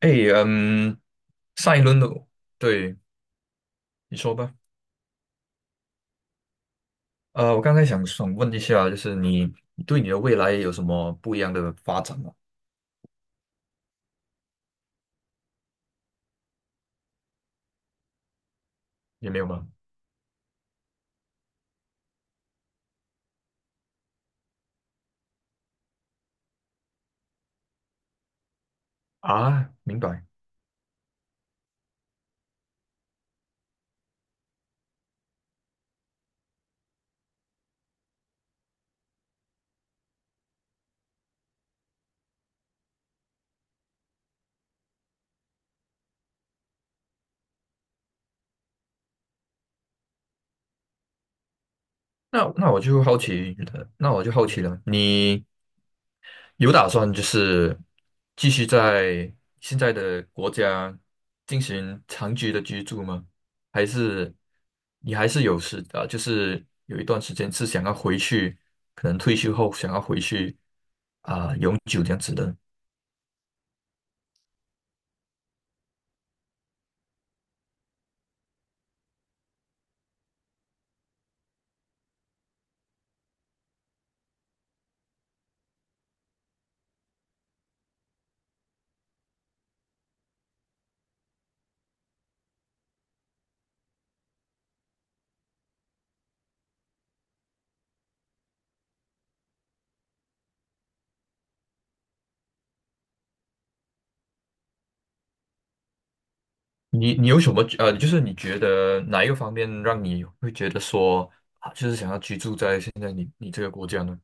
哎，嗯，上一轮的，对，你说吧。我刚才想问一下，就是你对你的未来有什么不一样的发展吗？也没有吗？啊，明白。那我就好奇了，你有打算就是继续在现在的国家进行长期的居住吗？还是你还是有时啊，就是有一段时间是想要回去，可能退休后想要回去啊，永久这样子的？你有什么就是你觉得哪一个方面让你会觉得说啊，就是想要居住在现在你这个国家呢？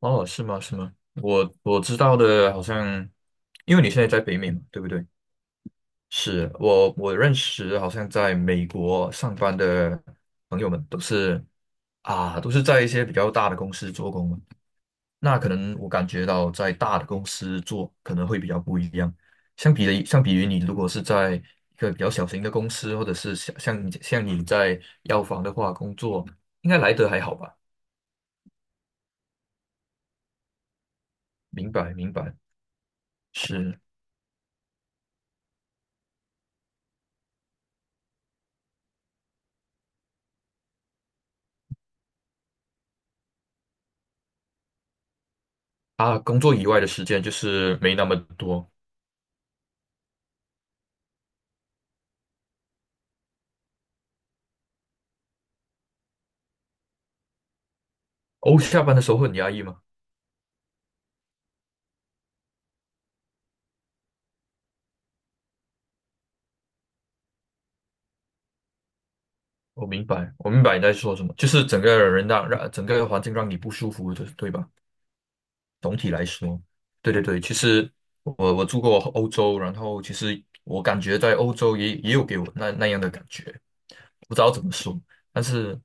哦，是吗？是吗？我知道的，好像因为你现在在北美嘛，对不对？是我认识，好像在美国上班的朋友们都是在一些比较大的公司做工嘛。那可能我感觉到在大的公司做可能会比较不一样。相比于你如果是在一个比较小型的公司，或者是像你在药房的话工作，应该来得还好吧？明白，明白，是。啊，工作以外的时间就是没那么多。哦，下班的时候会很压抑吗？我明白，我明白你在说什么，就是整个人让整个环境让你不舒服的，对吧？总体来说，对对对，其实我住过欧洲，然后其实我感觉在欧洲也有给我那样的感觉，不知道怎么说，但是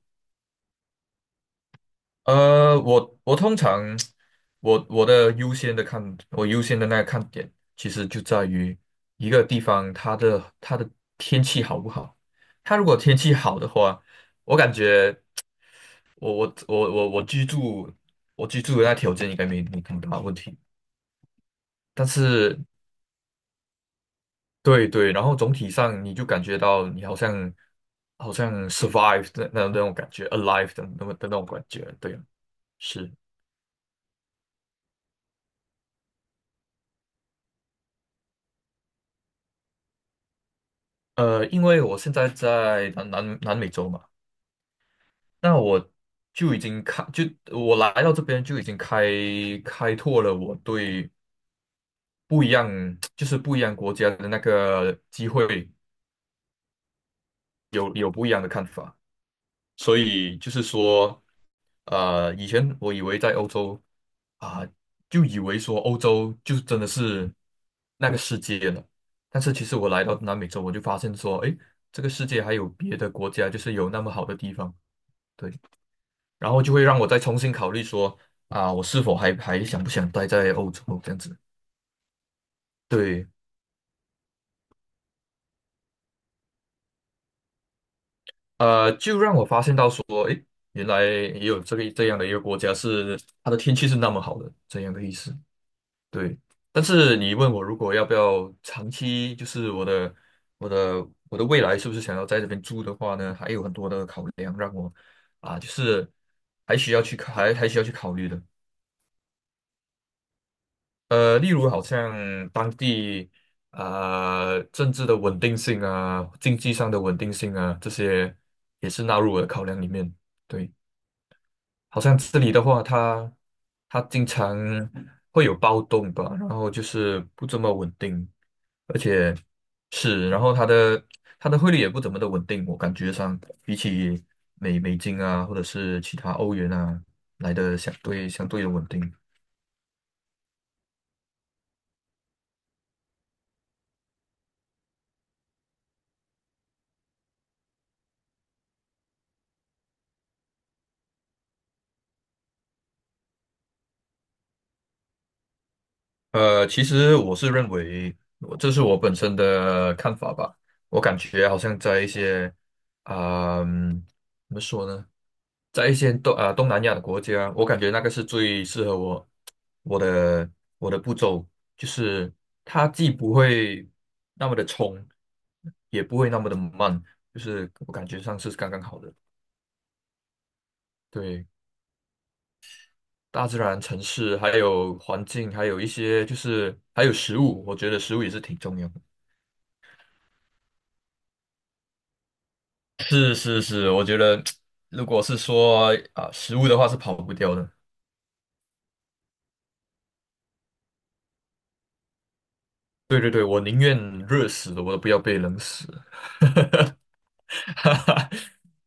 我通常我优先的那个看点，其实就在于一个地方它的天气好不好。它如果天气好的话，我感觉我我我我我居住我居住的那条件应该没么大问题。但是对对，然后总体上你就感觉到你好像 survive 的那种感觉，alive 的那么的那种感觉，对啊是。因为我现在在南美洲嘛，那就已经开，就我来到这边就已经开拓了我对不一样，就是不一样国家的那个机会有不一样的看法，所以就是说，以前我以为在欧洲啊，就以为说欧洲就真的是那个世界了，但是其实我来到南美洲，我就发现说，诶，这个世界还有别的国家，就是有那么好的地方。对。然后就会让我再重新考虑说啊，我是否还想不想待在欧洲这样子？对，就让我发现到说，原来也有这样的一个国家是它的天气是那么好的，这样的意思。对，但是你问我如果要不要长期，就是我的未来是不是想要在这边住的话呢？还有很多的考量让我啊，就是还需要去考虑的。例如好像当地啊、政治的稳定性啊，经济上的稳定性啊，这些也是纳入我的考量里面。对，好像这里的话，它经常会有暴动吧，然后就是不这么稳定，而且是，然后它的汇率也不怎么的稳定，我感觉上比起美金啊，或者是其他欧元啊来的相对的稳定。其实我是认为，我这是我本身的看法吧。我感觉好像在一些啊，怎么说呢，在一些东南亚的国家，我感觉那个是最适合我的我的步骤，就是它既不会那么的冲，也不会那么的慢，就是我感觉上是刚刚好的。对，大自然、城市，还有环境，还有一些就是还有食物，我觉得食物也是挺重要的。是是是，我觉得如果是说啊、食物的话是跑不掉的。对对对，我宁愿热死了我都不要被冷死。哈哈，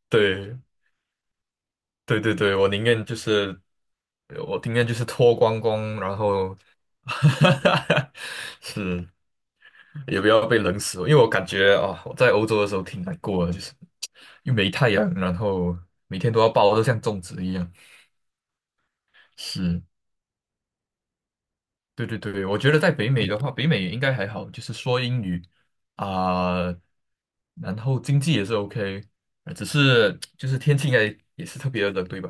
对对对对，我宁愿就是脱光光，然后 哈哈，是也不要被冷死，因为我感觉啊，我在欧洲的时候挺难过的，就是又没太阳，然后每天都要抱得像粽子一样。是，对对对，我觉得在北美的话，北美应该还好，就是说英语啊、然后经济也是 OK，只是就是天气应该也是特别的冷，对吧？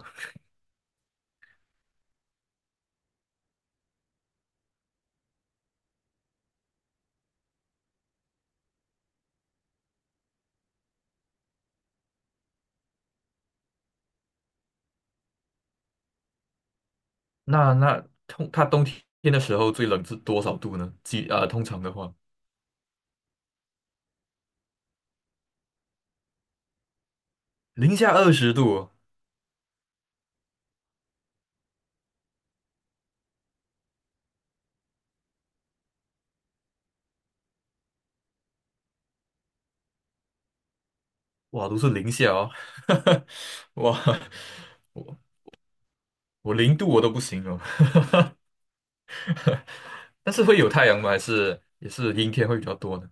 那它冬天的时候最冷是多少度呢？几啊、通常的话，零下20度哦，哇，都是零下哦，哇，我我0度我都不行哦，但是会有太阳吗？还是也是阴天会比较多呢？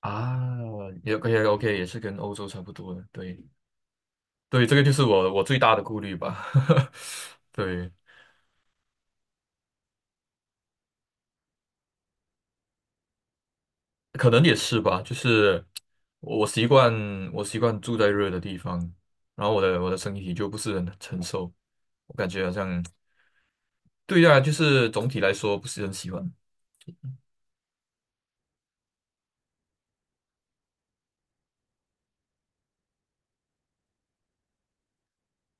啊，也 OK OK，也是跟欧洲差不多的，对。对，这个就是我最大的顾虑吧。对，可能也是吧，就是我习惯我习惯住在热的地方，然后我的身体就不是很承受，我感觉好像对啊，就是总体来说不是很喜欢。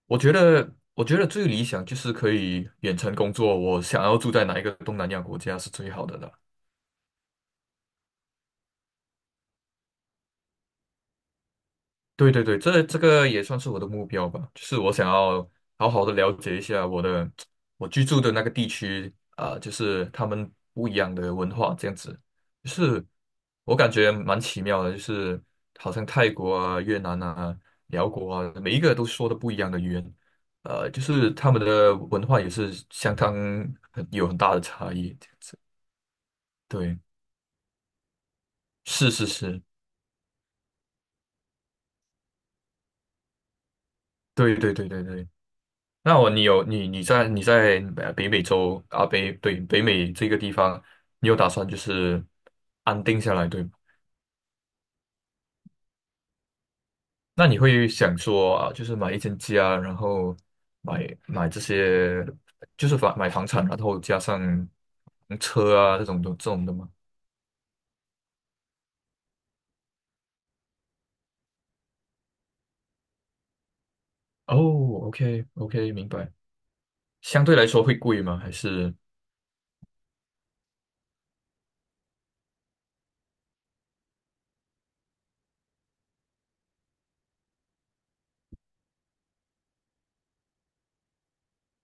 我觉得最理想就是可以远程工作。我想要住在哪一个东南亚国家是最好的了。对对对，这个也算是我的目标吧，就是我想要好好的了解一下我居住的那个地区啊，就是他们不一样的文化这样子，就是我感觉蛮奇妙的，就是好像泰国啊、越南啊、辽国啊，每一个都说的不一样的语言，就是他们的文化也是相当很有很大的差异。对，是是是，对对对对对。你在，北美洲啊北对，北美这个地方，你有打算就是安定下来对吗？那你会想说啊，就是买一间家，然后买这些就是买房产，然后加上车啊这种的吗？哦，OK OK，明白。相对来说会贵吗？还是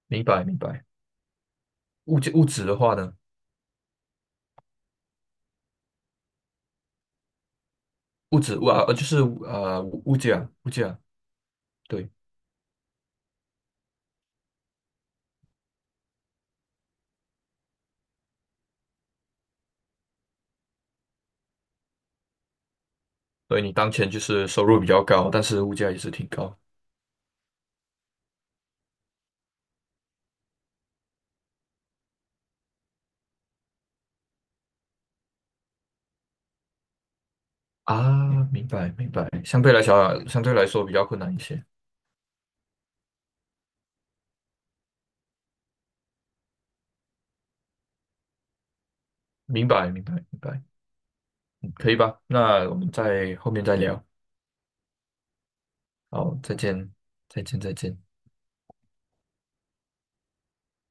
明白明白。物质的话呢？物质物啊就是物价对。所以你当前就是收入比较高，但是物价也是挺高啊。明白，明白。相对来说比较困难一些。明白，明白，明白。嗯，可以吧？那我们在后面再聊。好，再见，再见，再见。